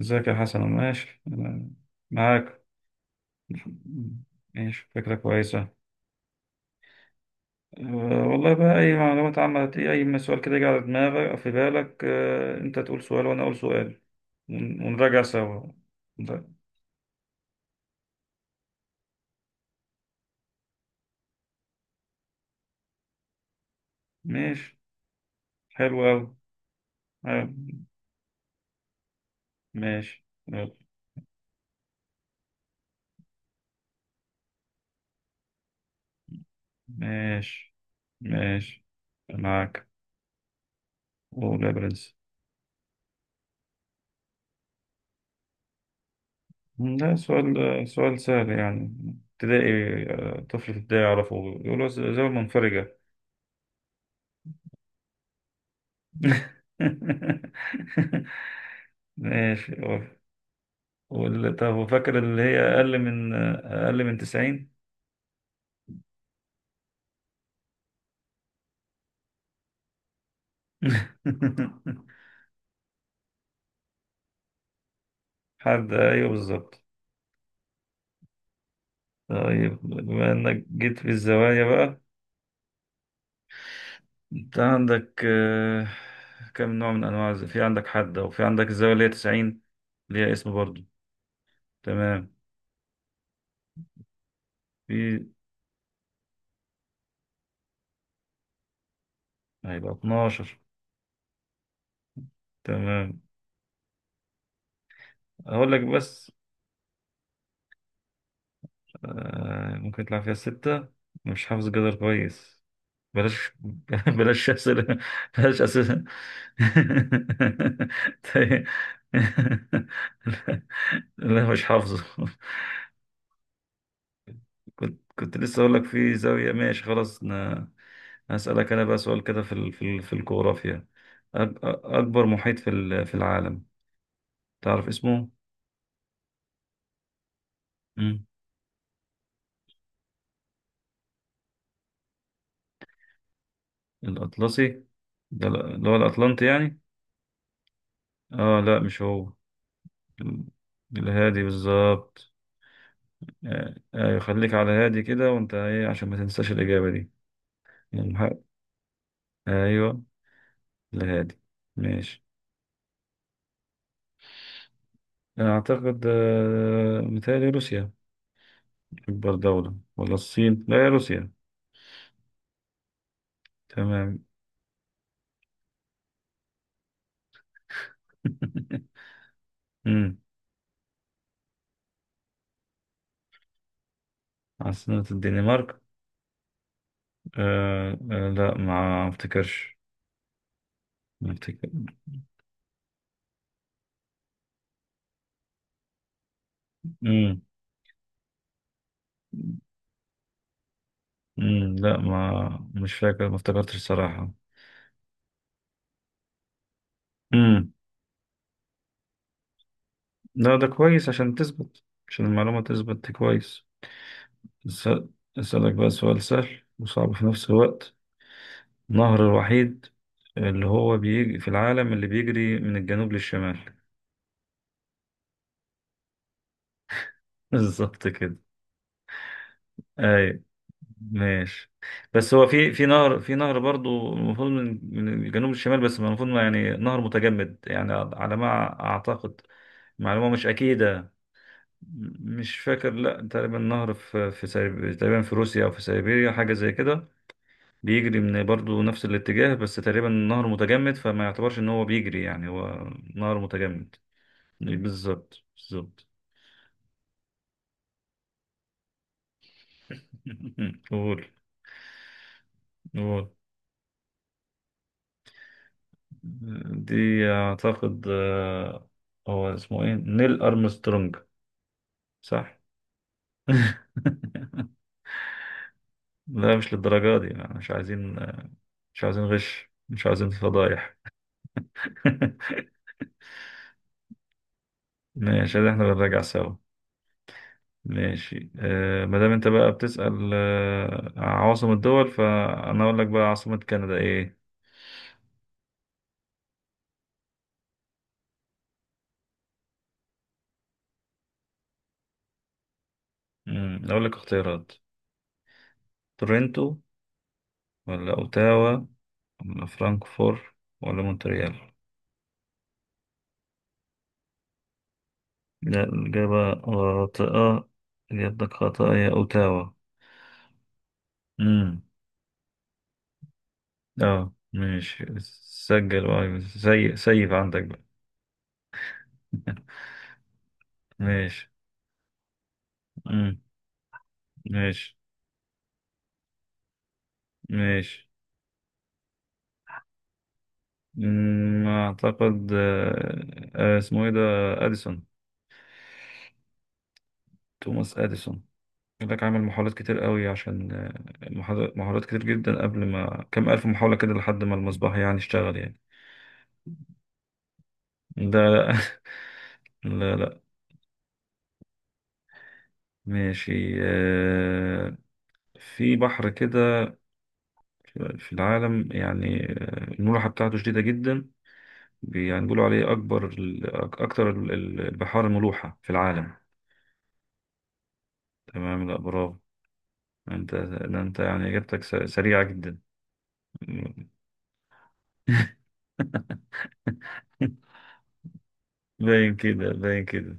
ازيك يا حسن، ماشي، أنا معاك. ماشي، فكرة كويسة. أه والله بقى، أي معلومات عامة، أي سؤال كده يجي على دماغك في بالك، أنت تقول سؤال وأنا أقول سؤال، ونراجع سوا. ده- ماشي، حلو أوي. حلو. ماشي يلا. ماشي ماشي معاك. قول يا برنس، ده سؤال سؤال سهل يعني، ابتدائي، طفل في ابتدائي يعرفه. يقول له زاوية منفرجة. ماشي أوف. طب وفاكر اللي هي أقل من 90. أيوه بالظبط. طيب بما إنك جيت في الزوايا بقى، أنت عندك كم نوع من أنواع في عندك حدة وفي عندك الزاوية اللي هي 90، ليها اسم برضو. تمام. في هيبقى 12. تمام، أقول لك بس ممكن يطلع فيها 6، مش حافظ جدر كويس، بلاش. بلاش أسئلة، بلاش أسئلة. طيب. لا، لا، مش حافظه. كنت لسه أقول لك في زاوية، ماشي خلاص. أنا هسألك أنا بقى سؤال كده في الجغرافيا. أكبر محيط في العالم، تعرف اسمه؟ مم. الأطلسي. ده اللي هو الأطلنطي يعني؟ آه لا مش هو. ال- الهادي بالظبط. آه، ايوه، خليك على هادي كده، وانت ايه عشان ما تنساش الاجابه دي. المحق، ايوه، الهادي. ماشي. اعتقد متهيألي روسيا، اكبر دوله ولا الصين، لا يا روسيا. تمام. امم. عاصمه الدنمارك، لا ما افتكرش، ما افتكر. امم امم. لا ما مش فاكر، ما افتكرتش الصراحه. امم. لا، ده كويس عشان تثبت، عشان المعلومه تثبت كويس. أسأل- أسألك بقى سؤال سهل وصعب في نفس الوقت. النهر الوحيد اللي هو بيجي في العالم اللي بيجري من الجنوب للشمال. بالظبط كده. أي، ماشي. بس هو في نهر برضو المفروض من الجنوب للشمال، بس المفروض ما يعني نهر متجمد يعني، على ما أعتقد. معلومة مش أكيدة. مش فاكر، لا، تقريبا نهر تقريبا في روسيا أو في سيبيريا حاجة زي كده، بيجري من برضه نفس الاتجاه، بس تقريبا النهر متجمد، فما يعتبرش ان هو بيجري يعني، هو نهر متجمد. بالظبط بالظبط. قول. قول دي. اعتقد هو اسمه ايه، نيل ارمسترونج. صح. لا مش للدرجة دي يعني، مش عايزين، مش عايزين غش، مش عايزين فضايح. ماشي، احنا بنراجع سوا. ماشي، ما دام انت بقى بتسأل عواصم الدول، فانا اقول لك بقى عاصمة كندا ايه. اقول لك اختيارات: تورنتو، ولا اوتاوا، ولا فرانكفور، ولا مونتريال. لا، الإجابة خاطئة. إجابتك خاطئة، هي اوتاوا. امم. اه، ماشي. سجل بقى سيف عندك بقى. ماشي. امم. ماشي ماشي. اعتقد اسمه ايه ده، اديسون. توماس اديسون. يقول لك عمل محاولات كتير قوي عشان محاولات كتير جدا قبل ما كم الف محاولة كده، لحد ما المصباح يعني اشتغل يعني. ده لا، لا، لا. ماشي، في بحر كده في العالم يعني، الملوحة بتاعته شديدة جدا. يعني بيقولوا عليه أكتر البحار ملوحة في العالم. تمام. لا، برافو. أنت، ده أنت يعني إجابتك سريعة جدا. باين كده، باين كده.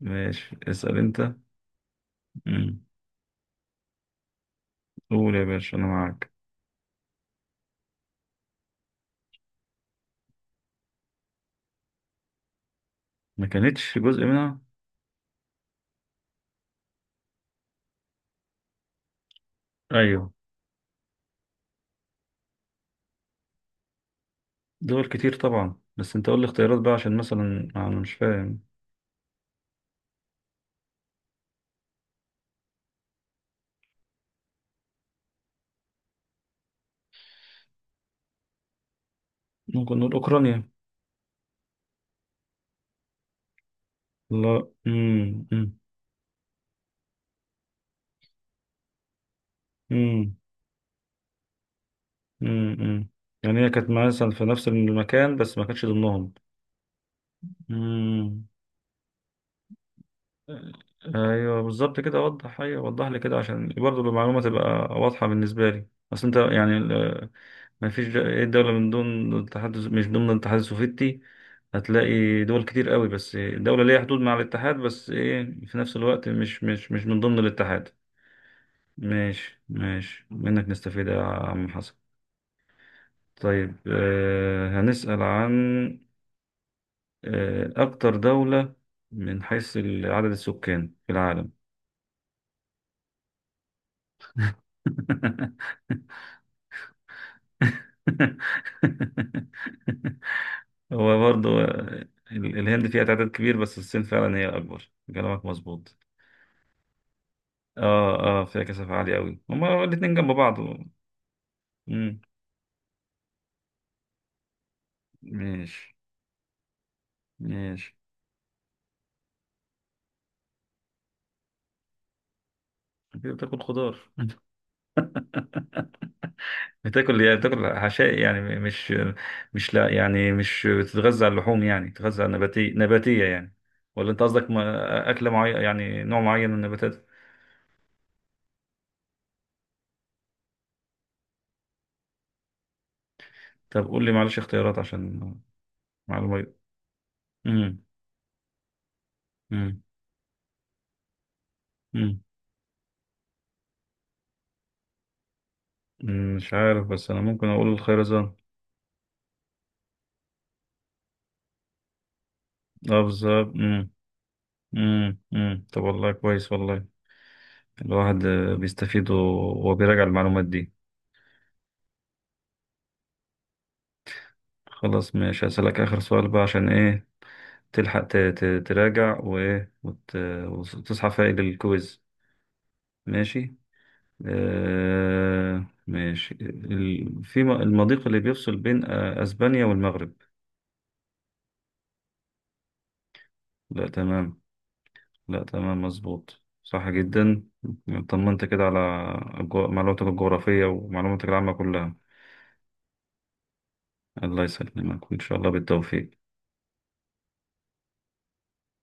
ماشي، اسأل أنت. مم. قول يا باشا، انا معاك. ما كانتش جزء منها. ايوه. دول كتير طبعا، بس انت قول لي اختيارات بقى، عشان مثلا انا مش فاهم. ممكن نقول اوكرانيا. لا. امم، امم. امم، امم. يعني هي كانت مثلا في نفس المكان بس ما كانتش ضمنهم. امم. ايوه بالظبط كده، وضح، ايوه وضح لي كده عشان برضه المعلومه تبقى واضحه بالنسبه لي. بس انت يعني، ما فيش دولة من ضمن الاتحاد مش ضمن الاتحاد السوفيتي، هتلاقي دول كتير قوي، بس دولة ليها حدود مع الاتحاد، بس ايه في نفس الوقت مش من ضمن الاتحاد. ماشي ماشي، منك نستفيد يا عم حسن. طيب هنسأل عن أكتر دولة من حيث عدد السكان في العالم. هو برضه الهند فيها تعداد كبير، بس الصين فعلا هي الأكبر، كلامك مظبوط. اه فيها كثافة عالية أوي، هما الاتنين جنب بعض. مم. ماشي ماشي. كده بتاكل خضار. بتاكل حشائي يعني، مش، مش لا يعني مش بتتغذى على اللحوم، يعني بتتغذى على نباتية نباتية يعني، ولا أنت قصدك أكلة معينة، يعني نوع معين من النباتات. طب قول لي معلش اختيارات عشان معلومة. مم. مم. مم. مم. مش عارف، بس أنا ممكن أقول الخيرزان. اه بالظبط. مم. مم. مم. طب والله كويس، والله الواحد بيستفيد وبيراجع المعلومات دي. خلاص، ماشي، هسألك آخر سؤال بقى عشان إيه تلحق تراجع وتصحى فايق للكويز. ماشي. ماشي في المضيق اللي بيفصل بين أسبانيا والمغرب. لا تمام. لا تمام مظبوط، صح جدا. طمنت كده على معلوماتك الجغرافية ومعلوماتك العامة كلها. الله يسلمك وإن شاء الله بالتوفيق.